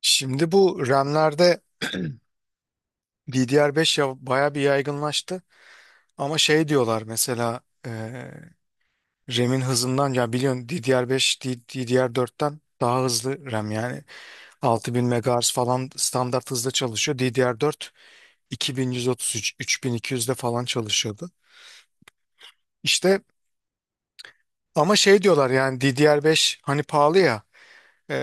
Şimdi bu RAM'lerde DDR5 ya bayağı bir yaygınlaştı. Ama şey diyorlar mesela e, RAM'in hızından ya biliyorsun DDR5 DDR4'ten daha hızlı RAM yani 6000 megahertz falan standart hızda çalışıyor. DDR4 2133 3200'de falan çalışıyordu. İşte ama şey diyorlar yani DDR5 hani pahalı ya e,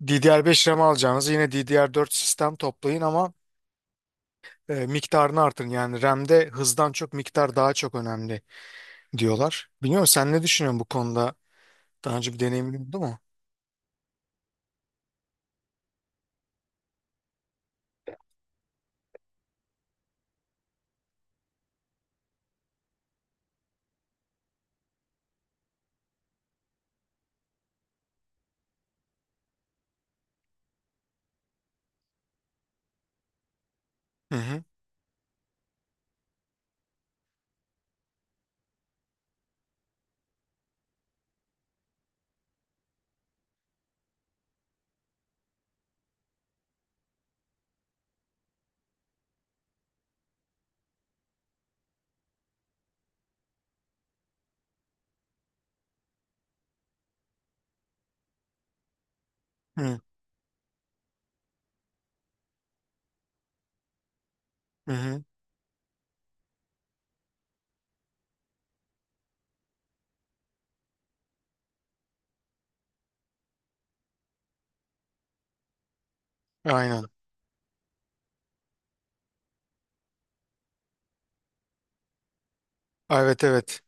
DDR5 RAM alacağınız yine DDR4 sistem toplayın ama miktarını artırın. Yani RAM'de hızdan çok miktar daha çok önemli diyorlar. Biliyor musun sen ne düşünüyorsun bu konuda? Daha önce bir deneyimin oldu mu? Hı hı. Hı hı. Hı. Aynen. Evet evet.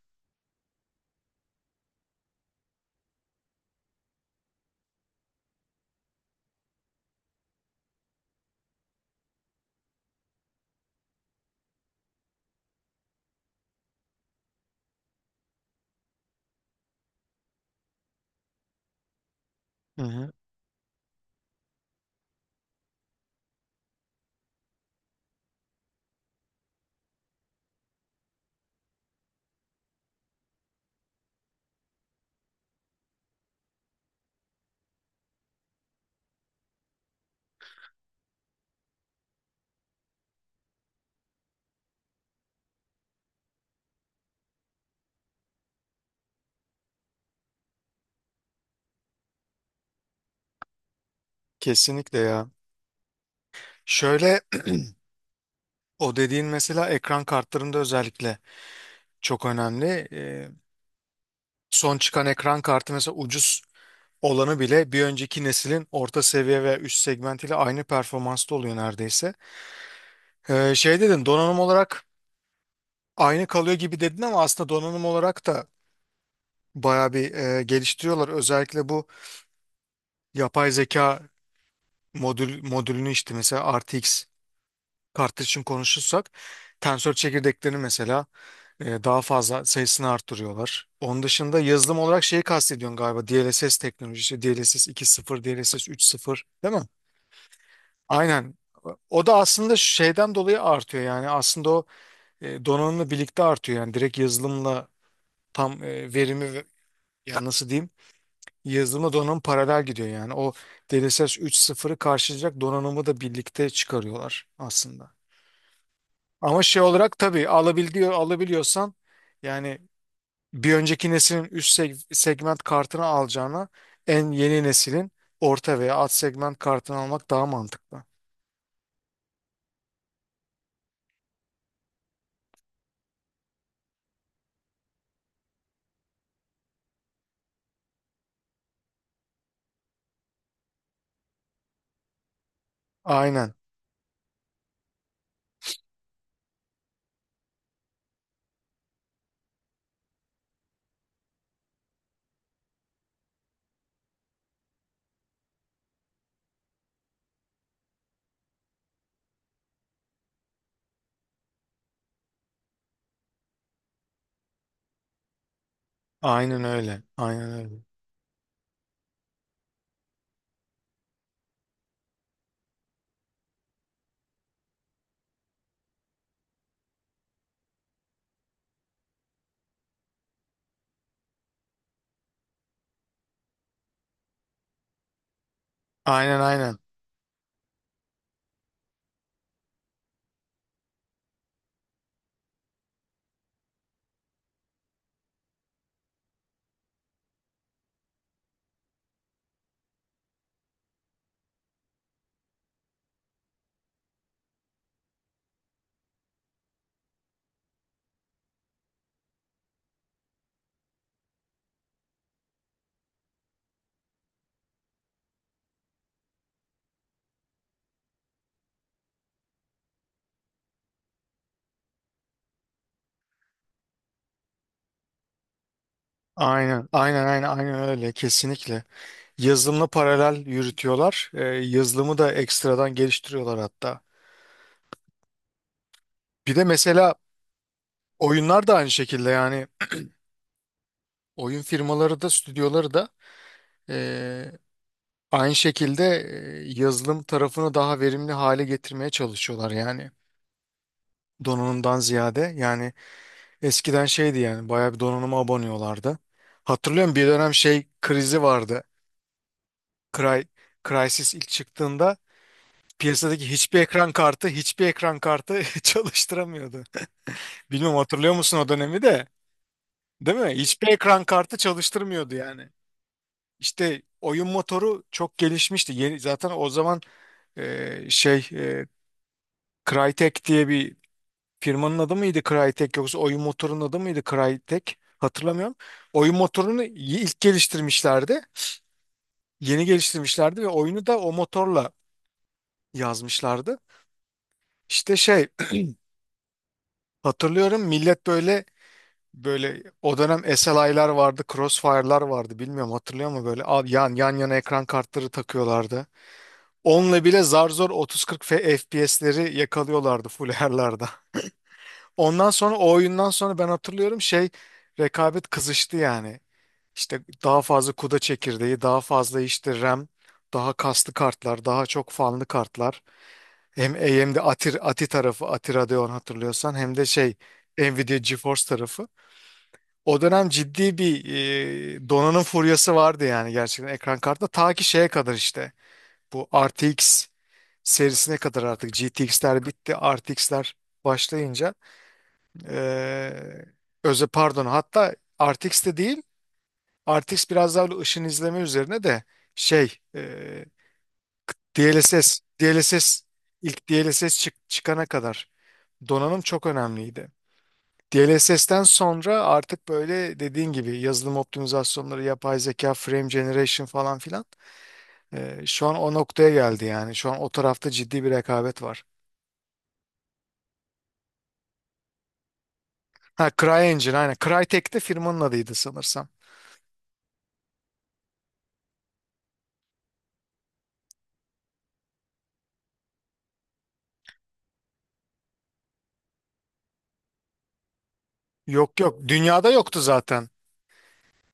Hı hı. Kesinlikle ya. Şöyle o dediğin mesela ekran kartlarında özellikle çok önemli. E, Son çıkan ekran kartı mesela ucuz olanı bile bir önceki neslin orta seviye veya üst segmentiyle aynı performansta oluyor neredeyse. Şey dedin donanım olarak aynı kalıyor gibi dedin ama aslında donanım olarak da bayağı bir geliştiriyorlar. Özellikle bu yapay zeka modülünü işte mesela RTX kartı için konuşursak tensör çekirdeklerini mesela daha fazla sayısını arttırıyorlar. Onun dışında yazılım olarak şeyi kastediyorsun galiba DLSS teknolojisi DLSS 2.0 DLSS 3.0 değil mi? Aynen. O da aslında şeyden dolayı artıyor yani aslında o donanımla birlikte artıyor yani direkt yazılımla tam verimi, ya nasıl diyeyim, yazılımla donanım paralel gidiyor yani. O DLSS 3.0'ı karşılayacak donanımı da birlikte çıkarıyorlar aslında. Ama şey olarak tabii alabiliyorsan yani bir önceki neslin üst segment kartını alacağına en yeni neslin orta veya alt segment kartını almak daha mantıklı. Aynen. Aynen öyle. Aynen öyle. Aynen aynen. Aynen, aynen, aynen, aynen öyle kesinlikle. Yazılımla paralel yürütüyorlar. Yazılımı da ekstradan geliştiriyorlar hatta. Bir de mesela oyunlar da aynı şekilde yani oyun firmaları da stüdyoları da eee, aynı şekilde yazılım tarafını daha verimli hale getirmeye çalışıyorlar yani donanımdan ziyade. Yani eskiden şeydi yani bayağı bir donanıma aboneyorlardı. Hatırlıyorum bir dönem şey krizi vardı. Cry, Crysis ilk çıktığında piyasadaki hiçbir ekran kartı hiçbir ekran kartı çalıştıramıyordu. Bilmiyorum hatırlıyor musun o dönemi de? Değil mi? Hiçbir ekran kartı çalıştırmıyordu yani. İşte oyun motoru çok gelişmişti. Yeni, zaten o zaman şey Crytek diye bir firmanın adı mıydı Crytek yoksa oyun motorunun adı mıydı Crytek? Hatırlamıyorum. Oyun motorunu ilk geliştirmişlerdi. Yeni geliştirmişlerdi ve oyunu da o motorla yazmışlardı. İşte şey hatırlıyorum millet böyle böyle o dönem SLI'lar vardı, Crossfire'lar vardı. Bilmiyorum hatırlıyor mu böyle Abi yan yan yana ekran kartları takıyorlardı. Onunla bile zar zor 30-40 FPS'leri yakalıyorlardı full her'larda. Ondan sonra o oyundan sonra ben hatırlıyorum şey rekabet kızıştı yani. İşte daha fazla kuda çekirdeği, daha fazla işte RAM, daha kaslı kartlar, daha çok fanlı kartlar. Hem AMD Ati tarafı, Ati Radeon hatırlıyorsan hem de şey Nvidia GeForce tarafı. O dönem ciddi bir donanım furyası vardı yani gerçekten ekran kartında. Ta ki şeye kadar işte bu RTX serisine kadar artık GTX'ler bitti. RTX'ler başlayınca eee özel pardon hatta RTX de değil RTX biraz daha böyle ışın izleme üzerine de şey DLSS ilk DLSS çıkana kadar donanım çok önemliydi. DLSS'ten sonra artık böyle dediğin gibi yazılım optimizasyonları, yapay zeka, frame generation falan filan şu an o noktaya geldi yani. Şu an o tarafta ciddi bir rekabet var. Ha CryEngine aynen. Crytek de firmanın adıydı sanırsam. Yok yok dünyada yoktu zaten.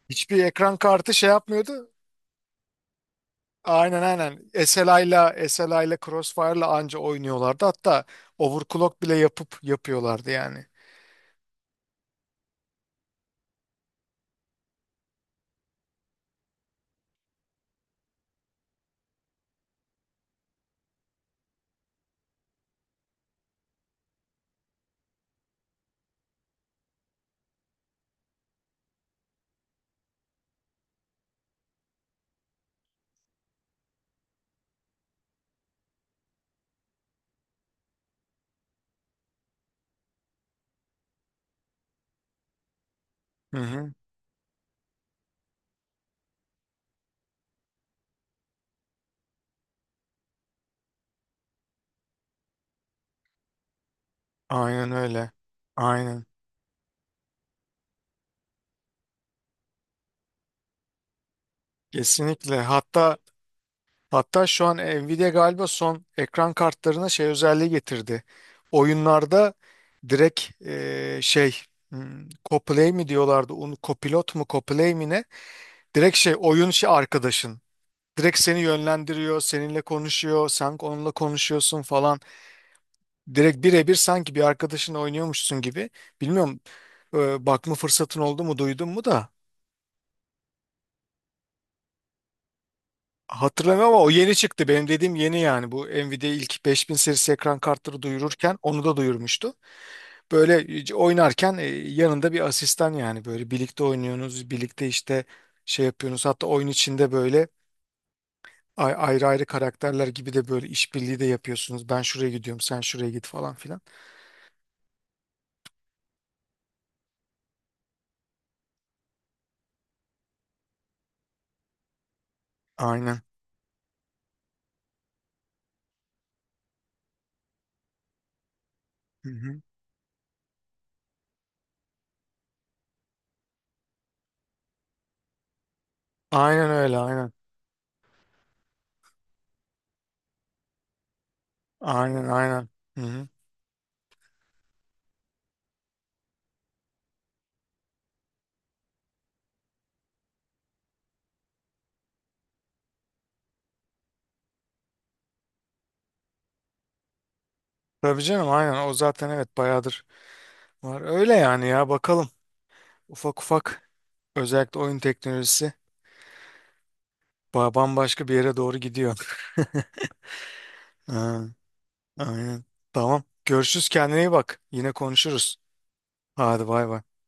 Hiçbir ekran kartı şey yapmıyordu. Aynen aynen. SLI'la Crossfire'la anca oynuyorlardı. Hatta overclock bile yapıp yapıyorlardı yani. Hı hı. Aynen öyle. Aynen. Kesinlikle. Hatta şu an Nvidia galiba son ekran kartlarına şey özelliği getirdi. Oyunlarda direkt şey co-play mi diyorlardı? Co-pilot mu co-play mi ne? Direkt şey oyun şey arkadaşın. Direkt seni yönlendiriyor, seninle konuşuyor, sen onunla konuşuyorsun falan. Direkt birebir sanki bir arkadaşın oynuyormuşsun gibi. Bilmiyorum bakma fırsatın oldu mu, duydun mu da. Hatırlamıyorum ama o yeni çıktı. Benim dediğim yeni yani. Bu Nvidia ilk 5000 serisi ekran kartları duyururken onu da duyurmuştu. Böyle oynarken yanında bir asistan yani. Böyle birlikte oynuyorsunuz, birlikte işte şey yapıyorsunuz. Hatta oyun içinde böyle ayrı ayrı karakterler gibi de böyle işbirliği de yapıyorsunuz. Ben şuraya gidiyorum, sen şuraya git falan filan. Aynen. Hı hı. Aynen öyle, aynen. Aynen, aynen. Hı hı. Tabii canım aynen. O zaten, evet, bayağıdır var. Öyle yani ya bakalım. Ufak ufak özellikle oyun teknolojisi. Bambaşka bir yere doğru gidiyor. Ha, aynen. Tamam. Görüşürüz. Kendine iyi bak. Yine konuşuruz. Hadi bay bay.